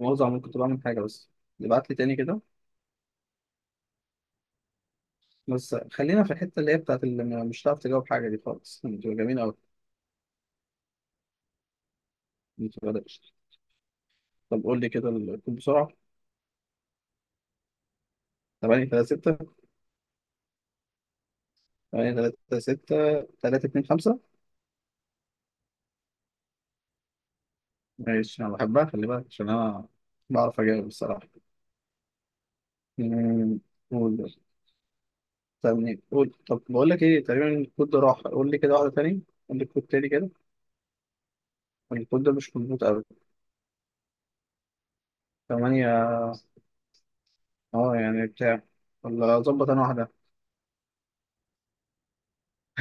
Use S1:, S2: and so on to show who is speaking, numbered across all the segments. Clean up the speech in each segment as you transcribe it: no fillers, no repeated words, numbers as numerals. S1: مؤاخذة، عمال كنت بعمل حاجة بس. ابعت لي تاني كده. بس خلينا في الحتة اللي هي بتاعت اللي مش هتعرف تجاوب حاجة، دي خالص بتبقى جميلة أوي، بتبقى دهش. طب قول لي كده الكود بسرعة. 8 3 6 8 3 6 3 2 5. ماشي، أنا بحبها، خلي بالك عشان أنا بعرف أجاوب الصراحة. أمم، قول. طب قول، طب بقول لك إيه تقريبا الكود ده راح. قول لي كده واحدة تاني، قول لي الكود تاني كده، الكود ده مش مظبوط أوي. 8. يعني بتاع، ولا أظبط أنا واحدة؟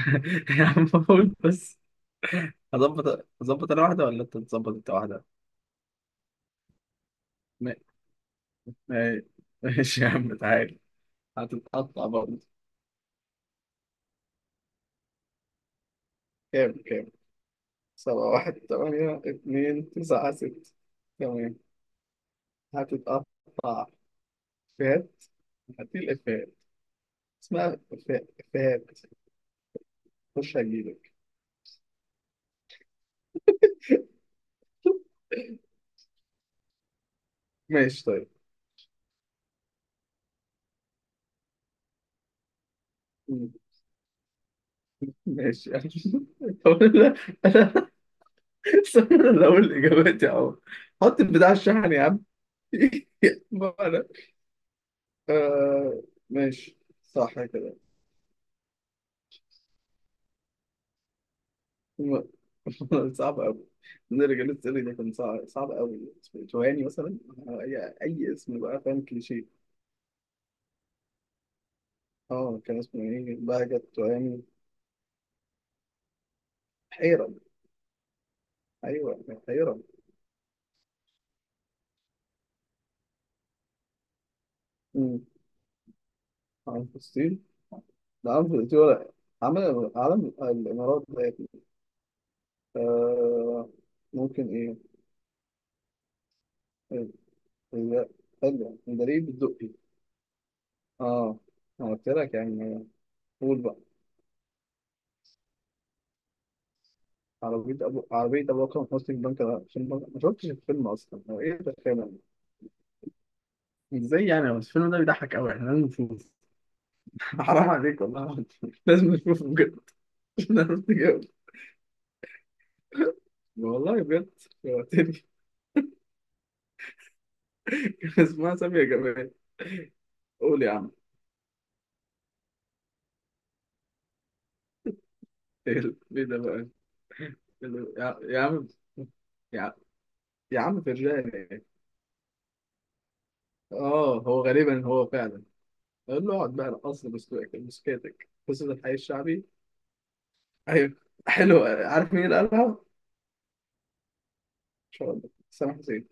S1: يا عم قول بس. هظبط انا واحده ولا انت تظبط انت واحده؟ ما- ما- ماشي يا عم تعالى، هتتقطع برضه. كام؟ كام؟ سبعة، واحد، تمانية، اتنين، تسعة، ست. تمام، هتتقطع. فات. هديل إفيهات، اسمها إفيهات. خش هجيلك. ماشي طيب. مم. ماشي يعني طب انا استنى، أنا اللي اقول الاجابات يا عم. حط البتاع على الشحن يا عم ما أنا آه، ماشي صح كده. م- صعب أوي. نرجع للسؤال ده، كان صعب، صعب أوي، اسمه توهاني مثلا. أي اسم بقى، فاهم، كليشيه. اه كان اسمه إيه، بهجت توهاني. حيرة. أيوه كان حيرة. أمم، عن فلسطين. ده عن فلسطين ولا؟ عمل علم الإمارات ده يا ابني. آه. ممكن إيه؟ إيه، إيه، حلو مدريد الدقي. اه، أنا قلت لك يعني. قول بقى. عربية أبو أكرم حسني في بنك الفيلم. ما شفتش الفيلم أصلا، هو إيه ده فعلا؟ إزاي يعني، بس الفيلم ده بيضحك أوي، إحنا لازم نشوف حرام عليك، والله العظيم. لازم نشوفه بجد مش هنعرف نجاوب. والله بجد، شوقتني كان اسمها سامية جمال. قول يا عم. إيه ده بقى؟ يا عم، يا يا عم فرجاني. آه، هو غالبا هو فعلا. قول له اقعد بقى، رقص لي بسكوتك بسكوتك، قصة الحي الشعبي. أيوه. حلو، عارف مين اللي قالها؟ إن شاء الله سامح حسين.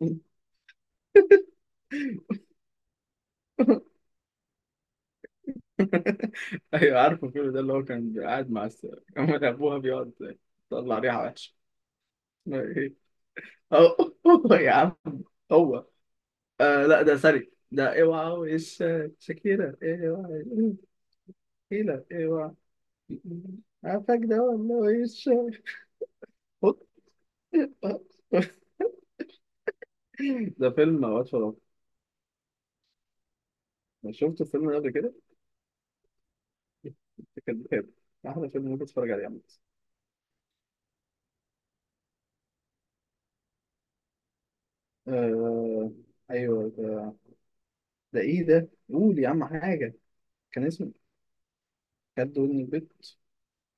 S1: ايوه، عارفه الفيلم ده، اللي هو كان قاعد مع كان ابوها بيقعد يطلع ريحه وحشه. ايه؟ هو هو يا عم هو. آه لا، ده سري، ده اوعى وش، شاكيرا اوعى، شاكيرا اوعى. عارفك ده والله، وش. هوب. ده فيلم اوقات فراغ. أنا شفت الفيلم ده قبل كده؟ كان بخير. احلى فيلم ممكن تتفرج عليه عامة. آه. ايوه، ده ايه ده؟ قول يا عم حاجة. كان اسمه كان ودن البيت.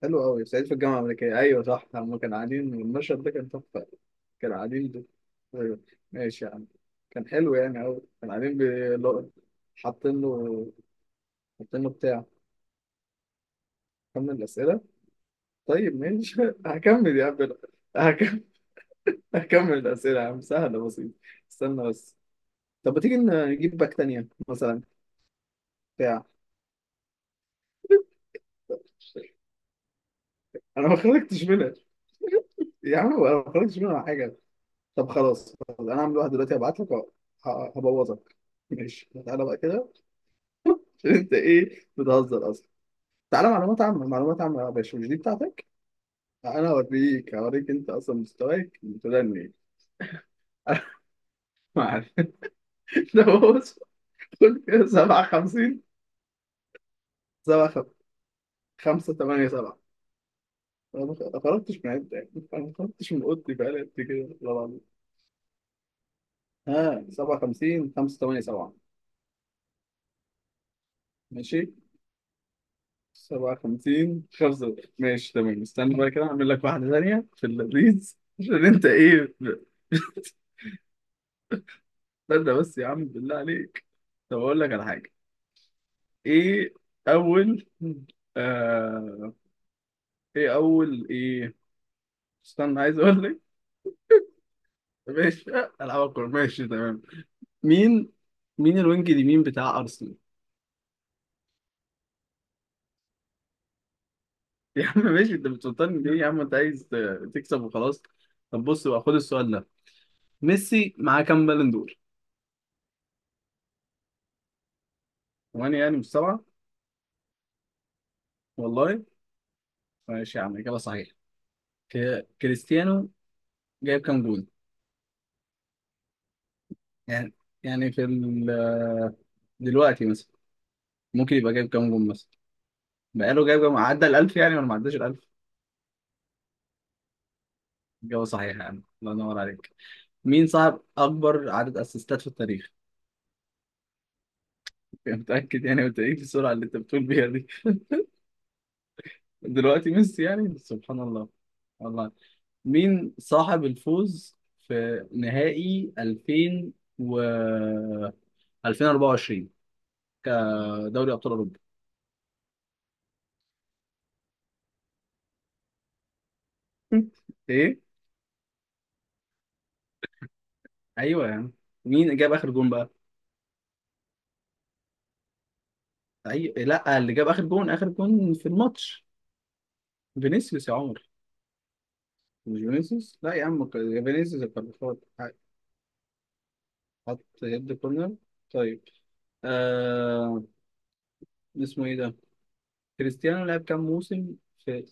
S1: حلو قوي سعيد في الجامعة الأمريكية، أيوة صح، هما كانوا قاعدين، المشهد ده كان تحفة. كانوا قاعدين ده. أيوة. ماشي يا عم، كان حلو يعني أوي. كانوا قاعدين حاطين له حاطين له بتاع. كمل الأسئلة. طيب ماشي هكمل يا عم أنا. هكمل هكمل الأسئلة يا عم، سهلة بسيطة. استنى بس، طب ما تيجي نجيب باك تانية مثلا، بتاع. أنا ما خرجتش منها يا عم أنا ما خرجتش منها حاجة. طب خلاص، انا هعمل واحد دلوقتي، هبعت لك هبوظك. ماشي، تعالى بقى كده عشان انت ايه، بتهزر اصلا. تعالى معلومات عامة، معلومات عامة يا باشا، مش دي بتاعتك. انا هوريك، انت اصلا مستواك بتدني ايه. معلش. ده بص، خد كده. 57، 7، 5، 8، 7. انا ما خرجتش من عدة يعني، انا ما خرجتش من اوضتي بقالي قد كده، والله العظيم. ها، 57، 5، 8، 7. ماشي. 57، خمسة. ماشي تمام، استنى بقى كده، اعمل لك واحدة تانية في اللذيذ عشان انت ايه استنى بس يا عم بالله عليك، طب اقول لك على حاجة. ايه؟ اول آه... ايه، اول ايه؟ استنى عايز اقول لك. ماشي العب الكورة، ماشي تمام. مين مين الوينج اليمين بتاع ارسنال؟ يا عم ماشي، انت بتفطرني ليه يا عم، انت عايز تكسب وخلاص. طب بص بقى، خد السؤال ده. ميسي معاه كام بالون دور؟ ثمانية، يعني مش سبعة؟ والله. ماشي يا عم، إجابة صحيحة. كريستيانو جايب كام جول؟ يعني يعني دلوقتي مثلا، ممكن يبقى جايب كام جول مثلا؟ بقاله جايب كام، عدى ال 1000 يعني ولا ما عداش ال 1000؟ إجابة صحيحة يا عم، الله ينور عليك. مين صاحب أكبر عدد أسيستات في التاريخ؟ متأكد يعني؟ وأنت إيه السرعة اللي أنت بتقول بيها دي؟ دلوقتي ميسي يعني، سبحان الله، الله. مين صاحب الفوز في نهائي 2000 و 2024 كدوري أبطال أوروبا؟ ايه؟ ايوه يا عم. مين جاب اخر جون بقى؟ ايوه لا، اللي جاب اخر جون، في الماتش، فينيسيوس يا عمر. مش فينيسيوس لا يا عم، فينيسيوس، الكارفات، حط هيد كورنر. طيب. آه... اسمه ايه ده، كريستيانو لعب كام موسم في،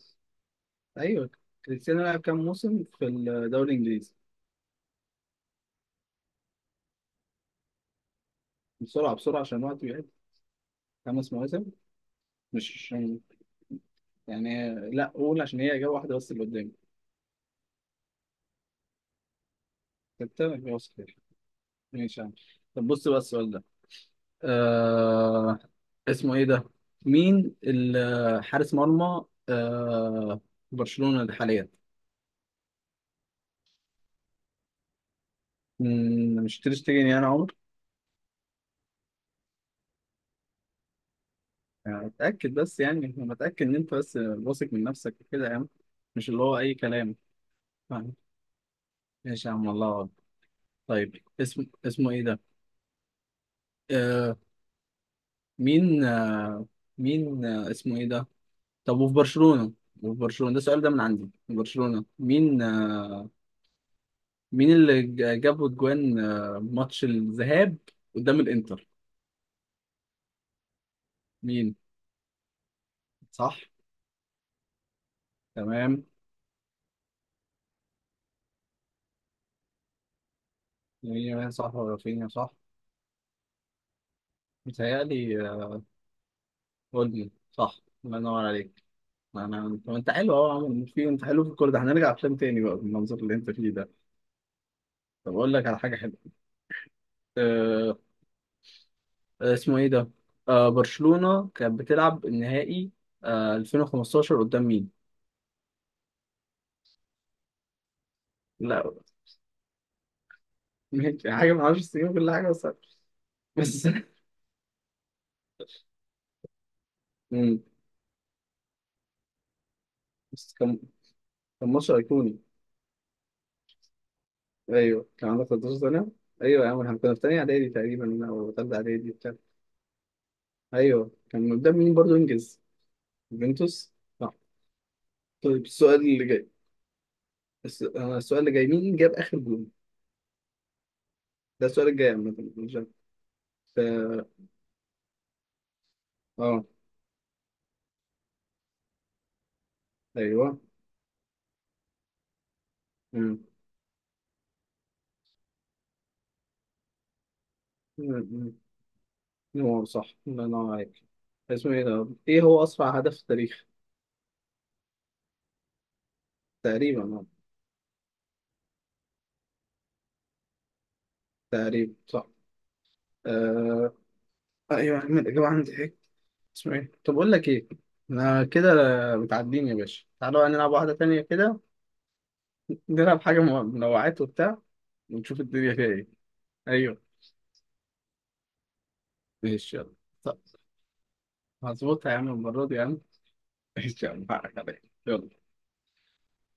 S1: ايوه، كريستيانو لعب كام موسم في الدوري الانجليزي؟ بسرعه بسرعه، عشان الوقت بيعد. خمس مواسم، مش عشان يعني لا، قول عشان هي اجابه واحده بس اللي قدامي. ستة يبقى خير. ماشي يا عم. طب بص بقى السؤال ده، آه. اسمه ايه ده، مين حارس مرمى برشلونة ده حاليا؟ مم، مش تير شتيجن يعني يا عمر؟ يعني اتاكد بس، يعني انا متاكد ان انت بس واثق من نفسك كده يا عم، مش اللي هو اي كلام. فاهم؟ ماشي يا عم، الله أكبر. طيب اسمه ايه ده؟ آه مين آه مين آه اسمه ايه ده؟ طب وفي برشلونة ده السؤال، ده من عندي. في برشلونة مين اللي جابوا الجوان؟ ماتش الذهاب قدام الانتر، مين؟ صح. تمام. مين صح ولا رافينيا صح؟ متهيألي قولي صح. الله ينور عليك. انا طب، انت حلو اهو يا عم، مش في، انت حلو في الكوره ده، هنرجع افلام تاني بقى بالمنظر اللي انت فيه ده. طب اقول لك على حاجه حلوه. أه. اسمه ايه ده؟ برشلونه كانت بتلعب النهائي 2015 قدام مين؟ لا ماشي حاجه، ما اعرفش السنين كل حاجه بس. بس مم. بس كان ماتش أيقوني. ايوه، كان عندك 13 سنه. ايوه يا عم، احنا كنا في تانية اعدادي تقريبا، او تالتة اعدادي بتاع. ايوه، كان قدام مين برضه انجز؟ يوفنتوس. صح. طيب السؤال اللي جاي، السؤال اللي جاي، مين جاب اخر جول؟ ده السؤال الجاي، عامه مش عارف. ف- اه ايوه. مم. مم. مم. هو صح، الله ينور عليك. اسمه ايه ده، ايه هو اسرع هدف في التاريخ تقريبا؟ آه. تقريبا صح. آه. ايوه يا عم الاجابه عندي. اسمه ايه، طب اقول لك ايه، انا كده متعدين يا باشا. تعالوا بقى نلعب واحده تانية كده، نلعب حاجه منوعات وبتاع، ونشوف الدنيا فيها ايه. ايوه. ماشي يلا. طب هظبطها يا عم المره دي يا عم ماشي يا عم، حقك عليا. يلا.